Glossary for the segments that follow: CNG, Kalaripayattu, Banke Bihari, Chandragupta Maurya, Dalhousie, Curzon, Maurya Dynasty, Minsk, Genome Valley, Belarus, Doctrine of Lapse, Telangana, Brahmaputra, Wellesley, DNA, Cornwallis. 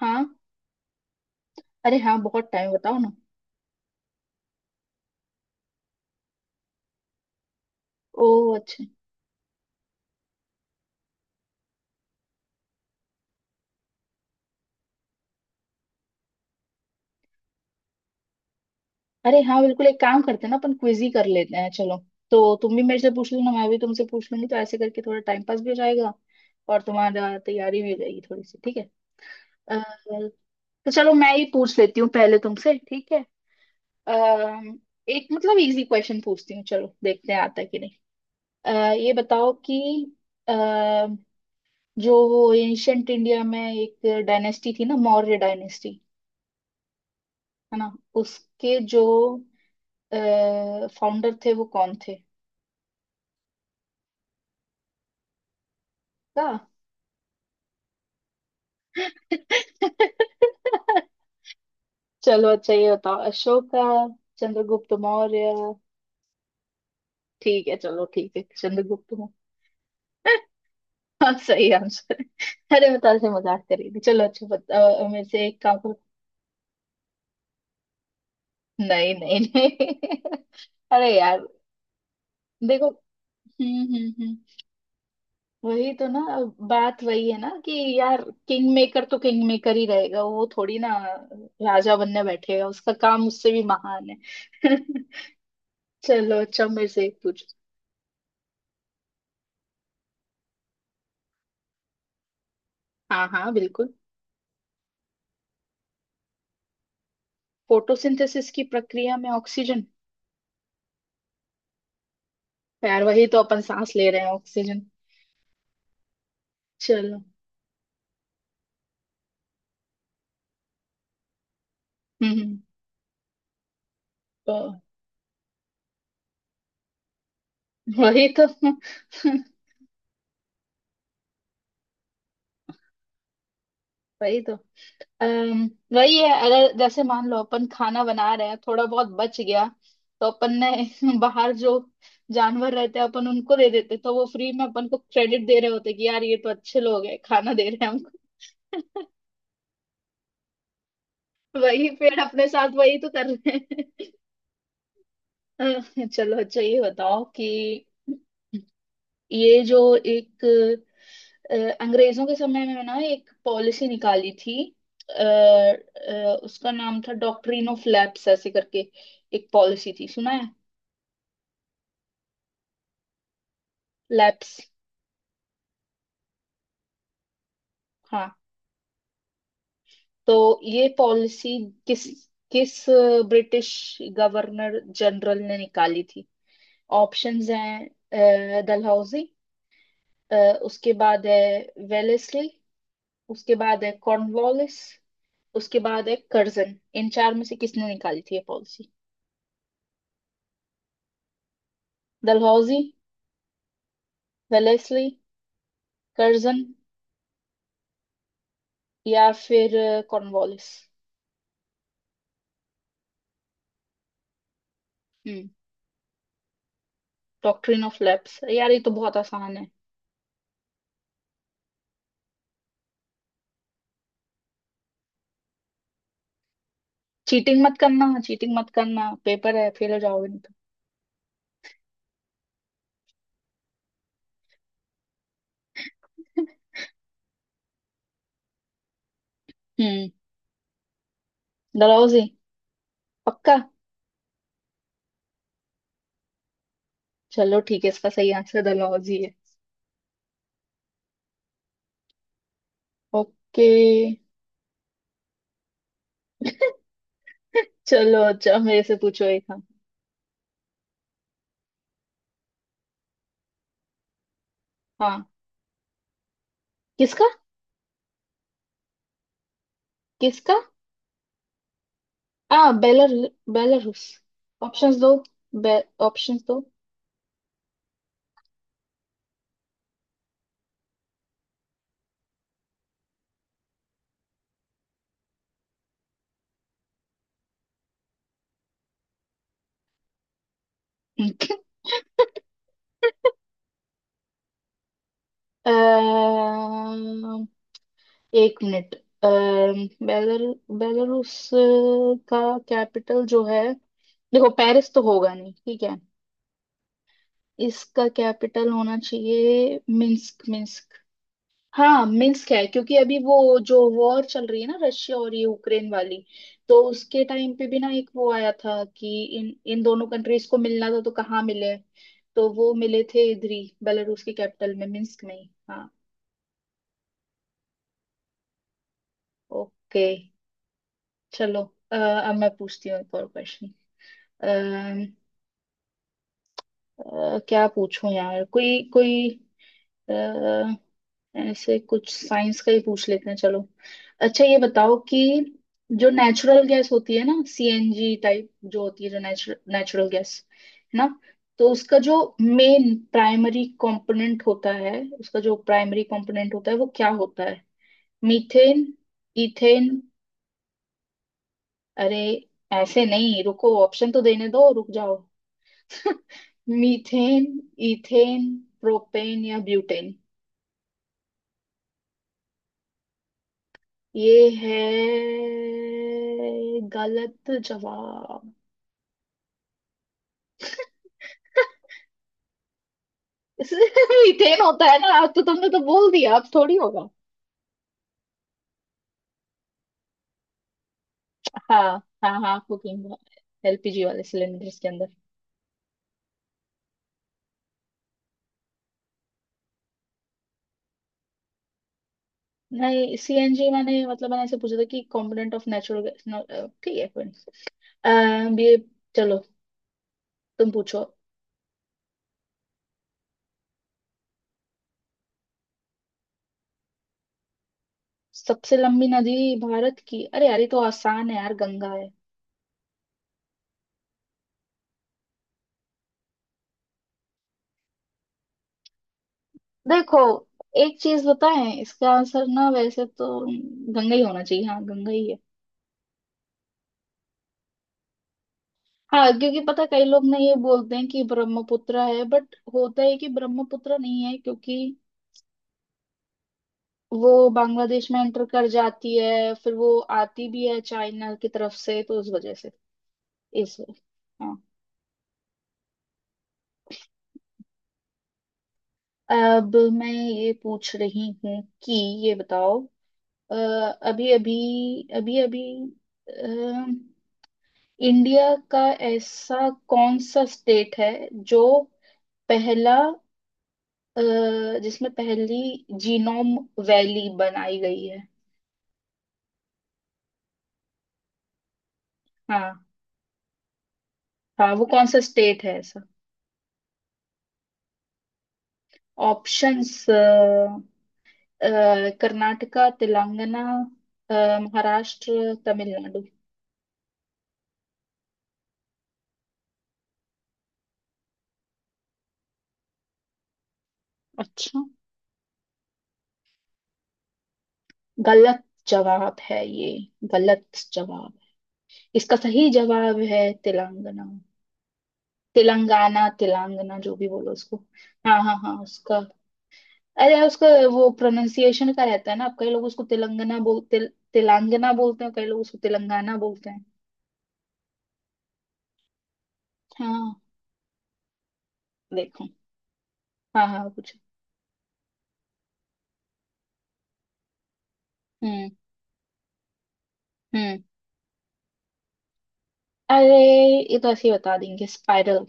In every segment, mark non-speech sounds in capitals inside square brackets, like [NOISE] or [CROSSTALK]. हाँ। अरे हाँ, बहुत टाइम, बताओ ना। ओ, अच्छा। अरे हाँ, बिल्कुल, एक काम करते हैं ना, अपन क्विज ही कर लेते हैं। चलो तो तुम भी मेरे से पूछ लेना, मैं भी तुमसे पूछ लूंगी, तो ऐसे करके थोड़ा टाइम पास भी हो जाएगा और तुम्हारा तैयारी भी हो जाएगी थोड़ी सी। ठीक है। अ, तो चलो मैं ही पूछ लेती हूँ पहले तुमसे, ठीक है। अ, एक मतलब इजी क्वेश्चन पूछती हूँ, चलो देखते हैं आता है कि नहीं। अ, ये बताओ कि अ, जो वो एंशंट इंडिया में एक डायनेस्टी थी ना, मौर्य डायनेस्टी, है ना, उसके जो फाउंडर थे वो कौन थे? का। चलो अच्छा, ये बताओ: अशोका, चंद्रगुप्त मौर्य। ठीक है चलो, ठीक है, चंद्रगुप्त मौर्य। [LAUGHS] हाँ, सही आंसर है। अरे बता, से मजाक करी थी। चलो अच्छा बता। मेरे से एक काम करो। नहीं नहीं नहीं। [LAUGHS] अरे यार, देखो। हम्म। वही तो ना, बात वही है ना कि, यार, किंग मेकर तो किंग मेकर ही रहेगा, वो थोड़ी ना राजा बनने बैठेगा। उसका काम उससे भी महान है। [LAUGHS] चलो अच्छा, मेरे से एक पूछ। हाँ हाँ बिल्कुल। फोटोसिंथेसिस की प्रक्रिया में ऑक्सीजन। यार वही तो अपन सांस ले रहे हैं, ऑक्सीजन। चलो। हम्म हम्म, तो वही तो। [LAUGHS] वही तो। अम्म, वही है। अगर जैसे मान लो अपन खाना बना रहे हैं, थोड़ा बहुत बच गया तो अपन ने [LAUGHS] बाहर जो जानवर रहते हैं अपन उनको दे देते, तो वो फ्री में अपन को क्रेडिट दे रहे होते कि यार ये तो अच्छे लोग हैं, खाना दे रहे हैं हमको। [LAUGHS] वही पेड़ अपने साथ वही तो कर रहे हैं। [LAUGHS] चलो अच्छा, ये बताओ कि ये जो एक अ, अंग्रेजों के समय में ना एक पॉलिसी निकाली थी, अ, उसका नाम था डॉक्ट्रिन ऑफ लैप्स ऐसे करके, एक पॉलिसी थी, सुना है? लैप्स, हाँ। तो ये पॉलिसी किस, किस ब्रिटिश गवर्नर जनरल ने निकाली थी? ऑप्शंस हैं: डलहौजी, अ, उसके बाद है वेलेस्ली, उसके बाद है कॉर्नवालिस, उसके बाद है कर्जन। इन चार में से किसने निकाली थी ये पॉलिसी? डलहौजी, वेलेस्ली, कर्जन या फिर कॉर्नवालिस। हम्म, डॉक्ट्रिन ऑफ लैप्स, यार ये तो बहुत आसान है। चीटिंग मत करना, चीटिंग मत करना, पेपर है, फेल हो जाओगे। हम्म। डलहौजी? पक्का? चलो ठीक है, इसका सही आंसर डलहौजी है। ओके। चलो अच्छा, मेरे से पूछो एक हम। हाँ। किसका? किसका? आ, बेलर, बेलारूस। ऑप्शंस दो, बे, ऑप्शंस दो। [LAUGHS] अम्म, एक मिनट। बेलर, बेलारूस का कैपिटल जो है, देखो पेरिस तो होगा नहीं, ठीक है। इसका कैपिटल होना चाहिए मिन्स्क। मिन्स्क, हाँ मिन्स्क है, क्योंकि अभी वो जो वॉर चल रही है ना, रशिया और ये यूक्रेन वाली, तो उसके टाइम पे भी ना एक वो आया था कि इन इन दोनों कंट्रीज को मिलना था तो कहाँ मिले, तो वो मिले थे इधर ही, बेलारूस की कैपिटल में, मिन्स्क में ही, हाँ। ओके, चलो। अब मैं पूछती हूँ एक और क्वेश्चन। क्या पूछूं यार, कोई, कोई ऐसे कुछ साइंस का ही पूछ लेते हैं चलो। अच्छा ये बताओ कि जो नेचुरल गैस होती है ना, सीएनजी टाइप जो होती है, जो नेचुरल नेचुरल गैस है ना, तो उसका जो मेन प्राइमरी कंपोनेंट होता है, उसका जो प्राइमरी कंपोनेंट होता है वो क्या होता है? मीथेन, इथेन, अरे ऐसे नहीं, रुको, ऑप्शन तो देने दो, रुक जाओ। मीथेन, इथेन, प्रोपेन या ब्यूटेन। ये है गलत जवाब। इसमें [LAUGHS] मीथेन होता है ना, आप तो, तुमने तो बोल दिया, अब थोड़ी होगा। हाँ हाँ हाँ, कुकिंग, एलपीजी वाले सिलेंडर्स के अंदर। नहीं, सीएनजी मैंने मतलब मैंने ऐसे पूछा था कि कंपोनेंट ऑफ नेचुरल गैस। ठीक है कोई नहीं। ये, चलो, तुम पूछो। सबसे लंबी नदी भारत की, अरे यार ये तो आसान है यार, गंगा है। देखो, एक चीज बताएं, इसका आंसर ना, वैसे तो गंगा ही होना चाहिए, हाँ गंगा ही है। हाँ, क्योंकि पता, कई लोग ना ये बोलते हैं कि ब्रह्मपुत्र है, बट होता है कि ब्रह्मपुत्र नहीं है क्योंकि वो बांग्लादेश में एंटर कर जाती है, फिर वो आती भी है चाइना की तरफ से, तो उस वजह से, इस, हाँ। अब मैं ये पूछ रही हूँ कि ये बताओ, अभी अभी, अभी अभी इंडिया का ऐसा कौन सा स्टेट है जो पहला, अ, जिसमें पहली जीनोम वैली बनाई गई है? हाँ, हाँ वो कौन सा स्टेट है ऐसा? ऑप्शंस: कर्नाटका, तेलंगाना, अ, महाराष्ट्र, तमिलनाडु। अच्छा, गलत जवाब है ये, गलत जवाब। इसका सही जवाब है तेलंगाना। तेलंगाना, तेलंगाना, जो भी बोलो उसको। हाँ हाँ हाँ, उसका, अरे उसका वो प्रोनाउंसिएशन का रहता है ना, अब कई लोग उसको तेलंगाना बोल, तिल, तेलंगाना बोलते हैं, कई लोग उसको तेलंगाना बोलते हैं। हाँ। देखो। हाँ हाँ कुछ। हम्म हम्म। अरे ये तो ऐसे ही बता देंगे, स्पाइरल।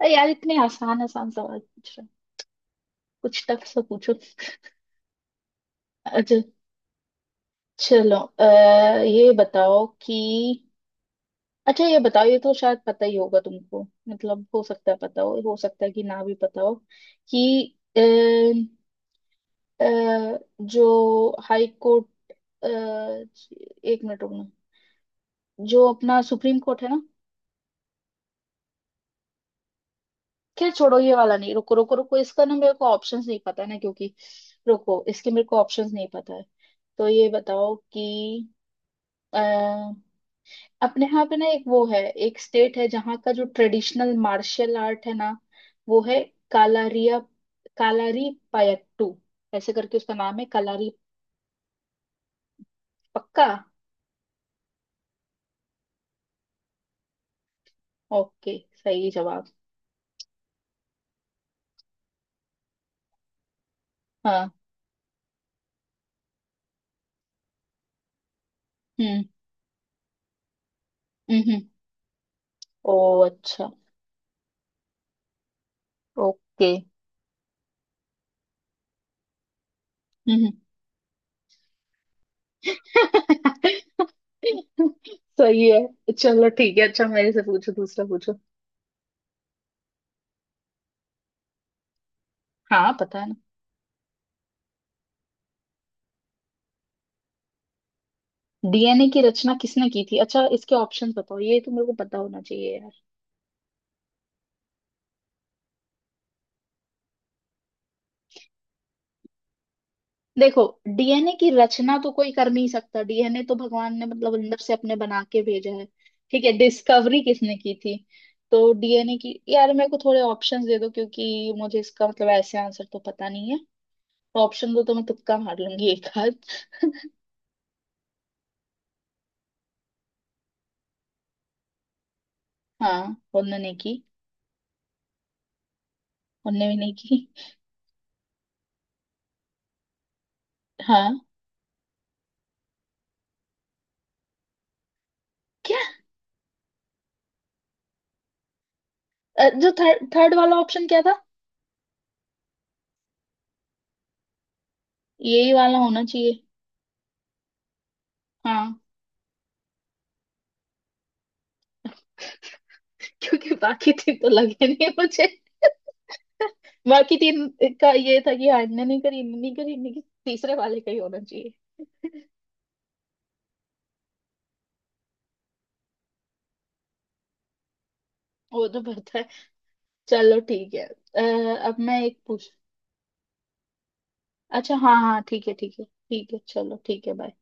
अरे यार, इतने आसान आसान सवाल पूछ रहे हो। कुछ टफ सा पूछो। अच्छा चलो ये बताओ कि, अच्छा ये बताओ, ये तो शायद पता ही होगा तुमको, मतलब हो सकता है पता हो सकता है कि ना भी पता हो कि अ, जो हाई कोर्ट, अ, एक मिनट रुकना, जो अपना सुप्रीम कोर्ट है ना, खैर छोड़ो ये वाला नहीं, रुको रुको रुको, इसका ना मेरे को ऑप्शंस नहीं पता है ना, क्योंकि रुको, इसके मेरे को ऑप्शंस नहीं पता है। तो ये बताओ कि अ, अपने यहाँ पे ना एक वो है, एक स्टेट है जहाँ का जो ट्रेडिशनल मार्शल आर्ट है ना, वो है कालारिया, कालारी पायट्टू ऐसे करके, उसका नाम है कालारी। पक्का। ओके, सही जवाब। हाँ। हम्म हम्म। ओ, अच्छा। ओके। हम्म। [LAUGHS] सही है, चलो ठीक है। अच्छा मेरे से पूछो, दूसरा पूछो। हाँ, पता है ना। डीएनए की रचना किसने की थी? अच्छा इसके ऑप्शन बताओ, ये तो मेरे को पता होना चाहिए यार। देखो, डीएनए की रचना तो कोई कर नहीं सकता, डीएनए तो भगवान ने मतलब अंदर से अपने बना के भेजा है। ठीक है, डिस्कवरी किसने की थी तो डीएनए की, यार मेरे को थोड़े ऑप्शंस दे दो क्योंकि मुझे इसका मतलब ऐसे आंसर तो पता नहीं है। ऑप्शन दो तो मैं तुक्का मार लूंगी एक। हाँ, उनने नहीं की। उनने भी नहीं की। हाँ। क्या? जो थर्ड थर्ड वाला ऑप्शन क्या था? यही वाला होना चाहिए। हाँ, क्योंकि बाकी तीन तो लगे नहीं मुझे। बाकी तीन का ये था कि हाँ, इनने नहीं करी, इनने नहीं करी, इनने की, तीसरे वाले का ही होना चाहिए। वो तो पता है। चलो ठीक है। अब मैं एक पूछ। अच्छा हाँ हाँ, ठीक है ठीक है ठीक है, चलो ठीक है, बाय।